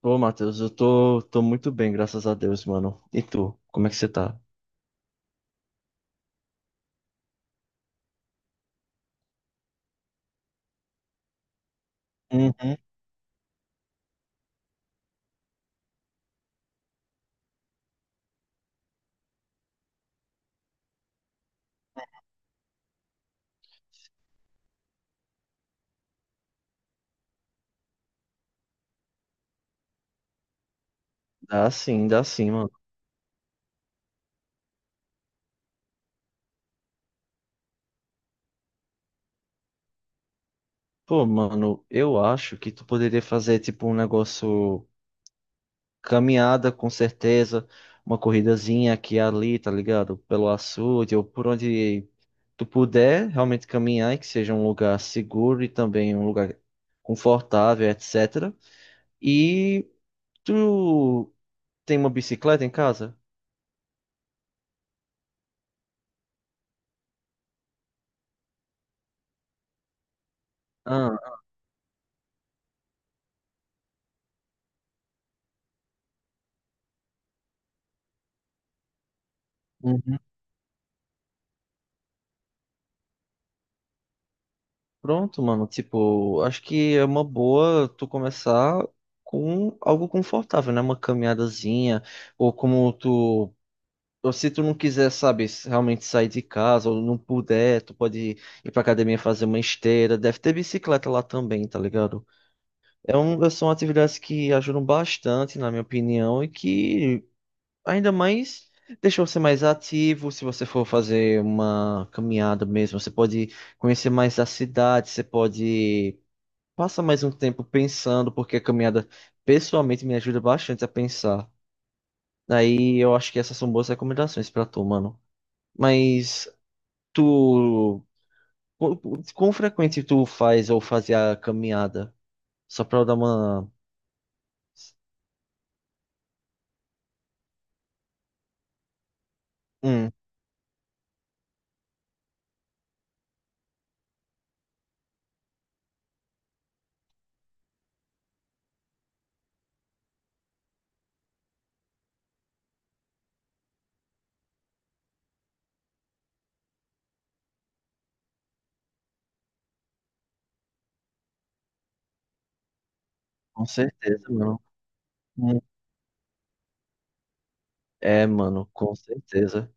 Pô, Matheus, eu tô muito bem, graças a Deus, mano. E tu, como é que você tá? Uhum. Dá sim, mano. Pô, mano, eu acho que tu poderia fazer, tipo, um negócio caminhada, com certeza, uma corridazinha aqui e ali, tá ligado? Pelo açude ou por onde tu puder realmente caminhar e que seja um lugar seguro e também um lugar confortável, etc. E tu tem uma bicicleta em casa? Ah. Pronto, mano. Tipo, acho que é uma boa tu começar com algo confortável, né? Uma caminhadazinha, ou como tu. Ou se tu não quiser, sabe, realmente sair de casa, ou não puder, tu pode ir pra academia fazer uma esteira. Deve ter bicicleta lá também, tá ligado? São atividades que ajudam bastante, na minha opinião, e que ainda mais deixam você mais ativo. Se você for fazer uma caminhada mesmo, você pode conhecer mais a cidade, você pode. Passa mais um tempo pensando, porque a caminhada pessoalmente me ajuda bastante a pensar. Aí eu acho que essas são boas recomendações pra tu, mano. Mas tu, quão quão frequente tu faz ou fazia a caminhada? Só pra eu dar uma. Hum. Com certeza, mano. Hum. É, mano, com certeza.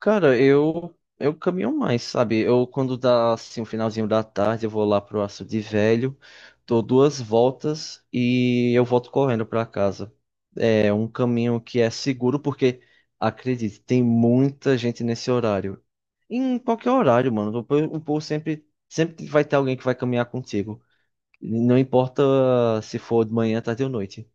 Cara, eu caminho mais, sabe? Eu quando dá assim o finalzinho da tarde, eu vou lá pro açude Velho, dou duas voltas e eu volto correndo pra casa. É um caminho que é seguro porque acredite, tem muita gente nesse horário. Em qualquer horário, mano, o povo sempre vai ter alguém que vai caminhar contigo. Não importa se for de manhã, tarde ou noite.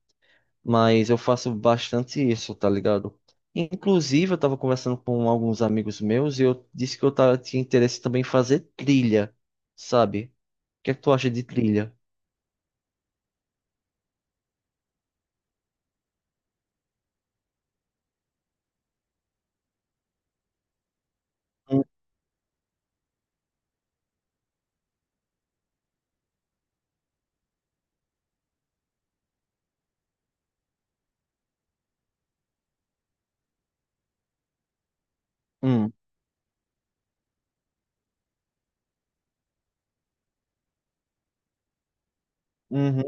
Mas eu faço bastante isso, tá ligado? Inclusive, eu tava conversando com alguns amigos meus e eu disse que tinha interesse também em fazer trilha, sabe? O que é que tu acha de trilha? Hum. Hum. Uhum.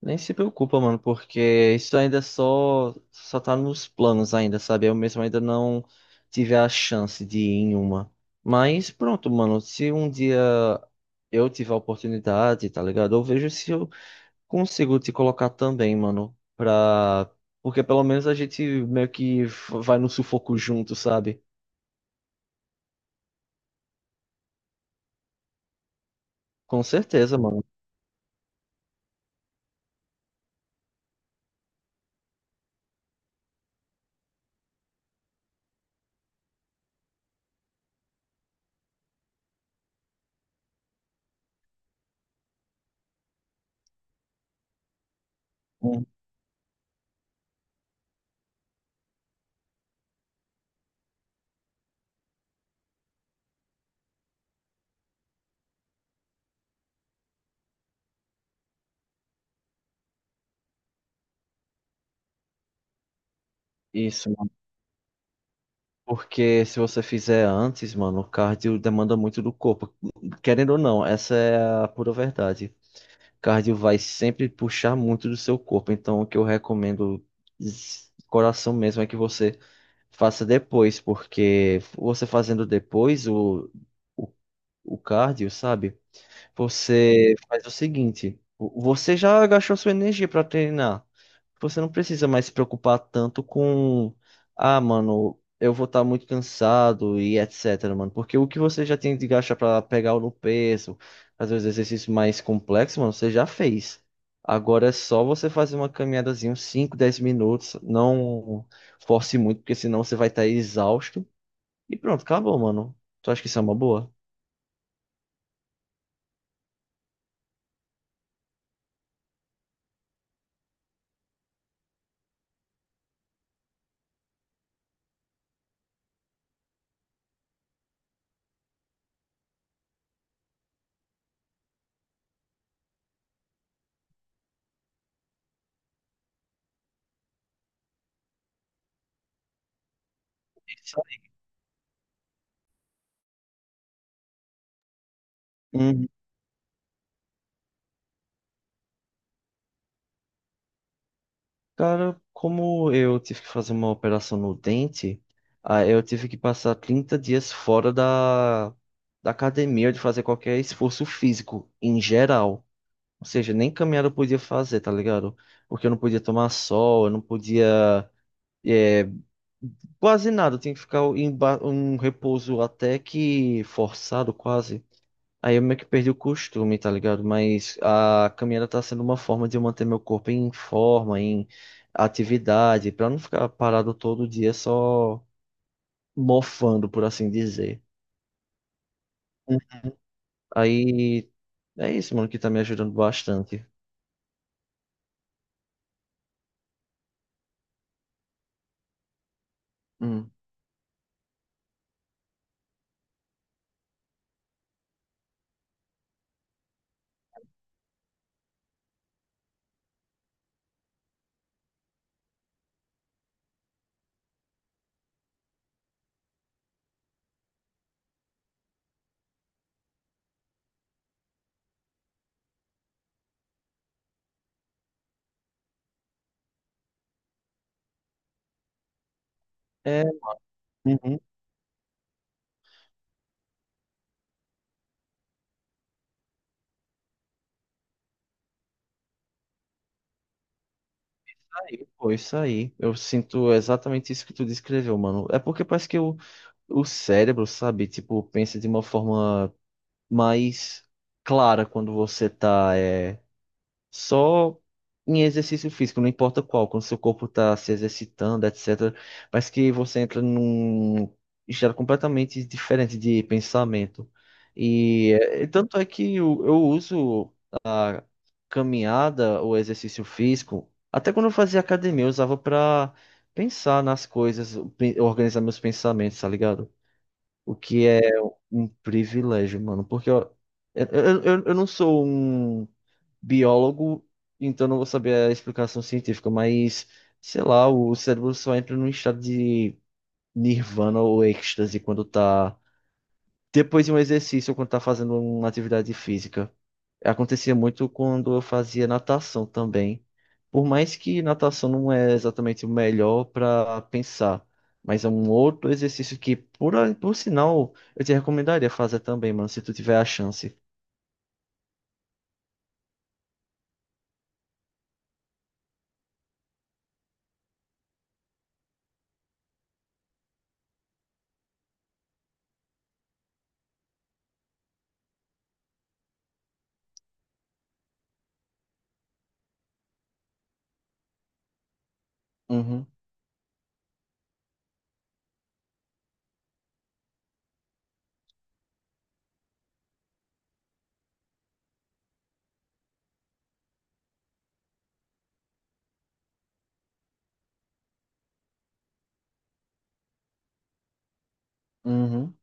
Nem se preocupa, mano, porque isso ainda é só tá nos planos ainda, sabe? Eu mesmo ainda não tive a chance de ir em uma. Mas pronto, mano, se um dia eu tiver a oportunidade, tá ligado? Eu vejo se eu consigo te colocar também, mano, pra... Porque pelo menos a gente meio que vai no sufoco junto, sabe? Com certeza, mano. Hum. Isso, mano. Porque se você fizer antes, mano, o cardio demanda muito do corpo. Querendo ou não, essa é a pura verdade. Cardio vai sempre puxar muito do seu corpo. Então, o que eu recomendo, coração mesmo, é que você faça depois, porque você fazendo depois o, o cardio, sabe? Você faz o seguinte, você já gastou sua energia pra treinar. Você não precisa mais se preocupar tanto com, ah, mano, eu vou estar muito cansado e etc, mano, porque o que você já tem de gastar pra pegar no peso, fazer os exercícios mais complexos, mano, você já fez. Agora é só você fazer uma caminhadazinha, uns 5, 10 minutos, não force muito, porque senão você vai estar exausto. E pronto, acabou, mano. Tu acha que isso é uma boa? Isso. Cara, como eu tive que fazer uma operação no dente, ah, eu tive que passar 30 dias fora da academia de fazer qualquer esforço físico, em geral. Ou seja, nem caminhar eu podia fazer, tá ligado? Porque eu não podia tomar sol, eu não podia, eh, quase nada. Eu tinha que ficar em um repouso até que forçado, quase. Aí eu meio que perdi o costume, tá ligado? Mas a caminhada tá sendo uma forma de eu manter meu corpo em forma, em atividade, pra não ficar parado todo dia só mofando, por assim dizer. Hum. Aí é isso, mano, que tá me ajudando bastante. Hum. É. Uhum. Aí, pô, isso aí. Eu sinto exatamente isso que tu descreveu, mano. É porque parece que o cérebro, sabe, tipo, pensa de uma forma mais clara quando você tá. É. Só em exercício físico, não importa qual, quando seu corpo está se exercitando, etc. Mas que você entra num estado completamente diferente de pensamento. E é, tanto é que eu uso caminhada ou exercício físico, até quando eu fazia academia, eu usava para pensar nas coisas, organizar meus pensamentos, tá ligado? O que é um privilégio, mano, porque eu, eu não sou um biólogo, então não vou saber a explicação científica, mas sei lá, o cérebro só entra num estado de nirvana ou êxtase quando tá depois de um exercício ou quando tá fazendo uma atividade física. Acontecia muito quando eu fazia natação também. Por mais que natação não é exatamente o melhor para pensar, mas é um outro exercício que, por sinal, eu te recomendaria fazer também, mano, se tu tiver a chance. Uhum. Uhum.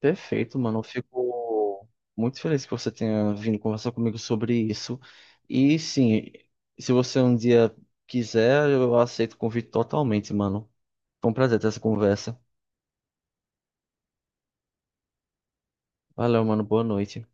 Perfeito, mano. Eu fico muito feliz que você tenha vindo conversar comigo sobre isso. E sim, se você um dia quiser, eu aceito o convite totalmente, mano. Foi um prazer ter essa conversa. Valeu, mano. Boa noite.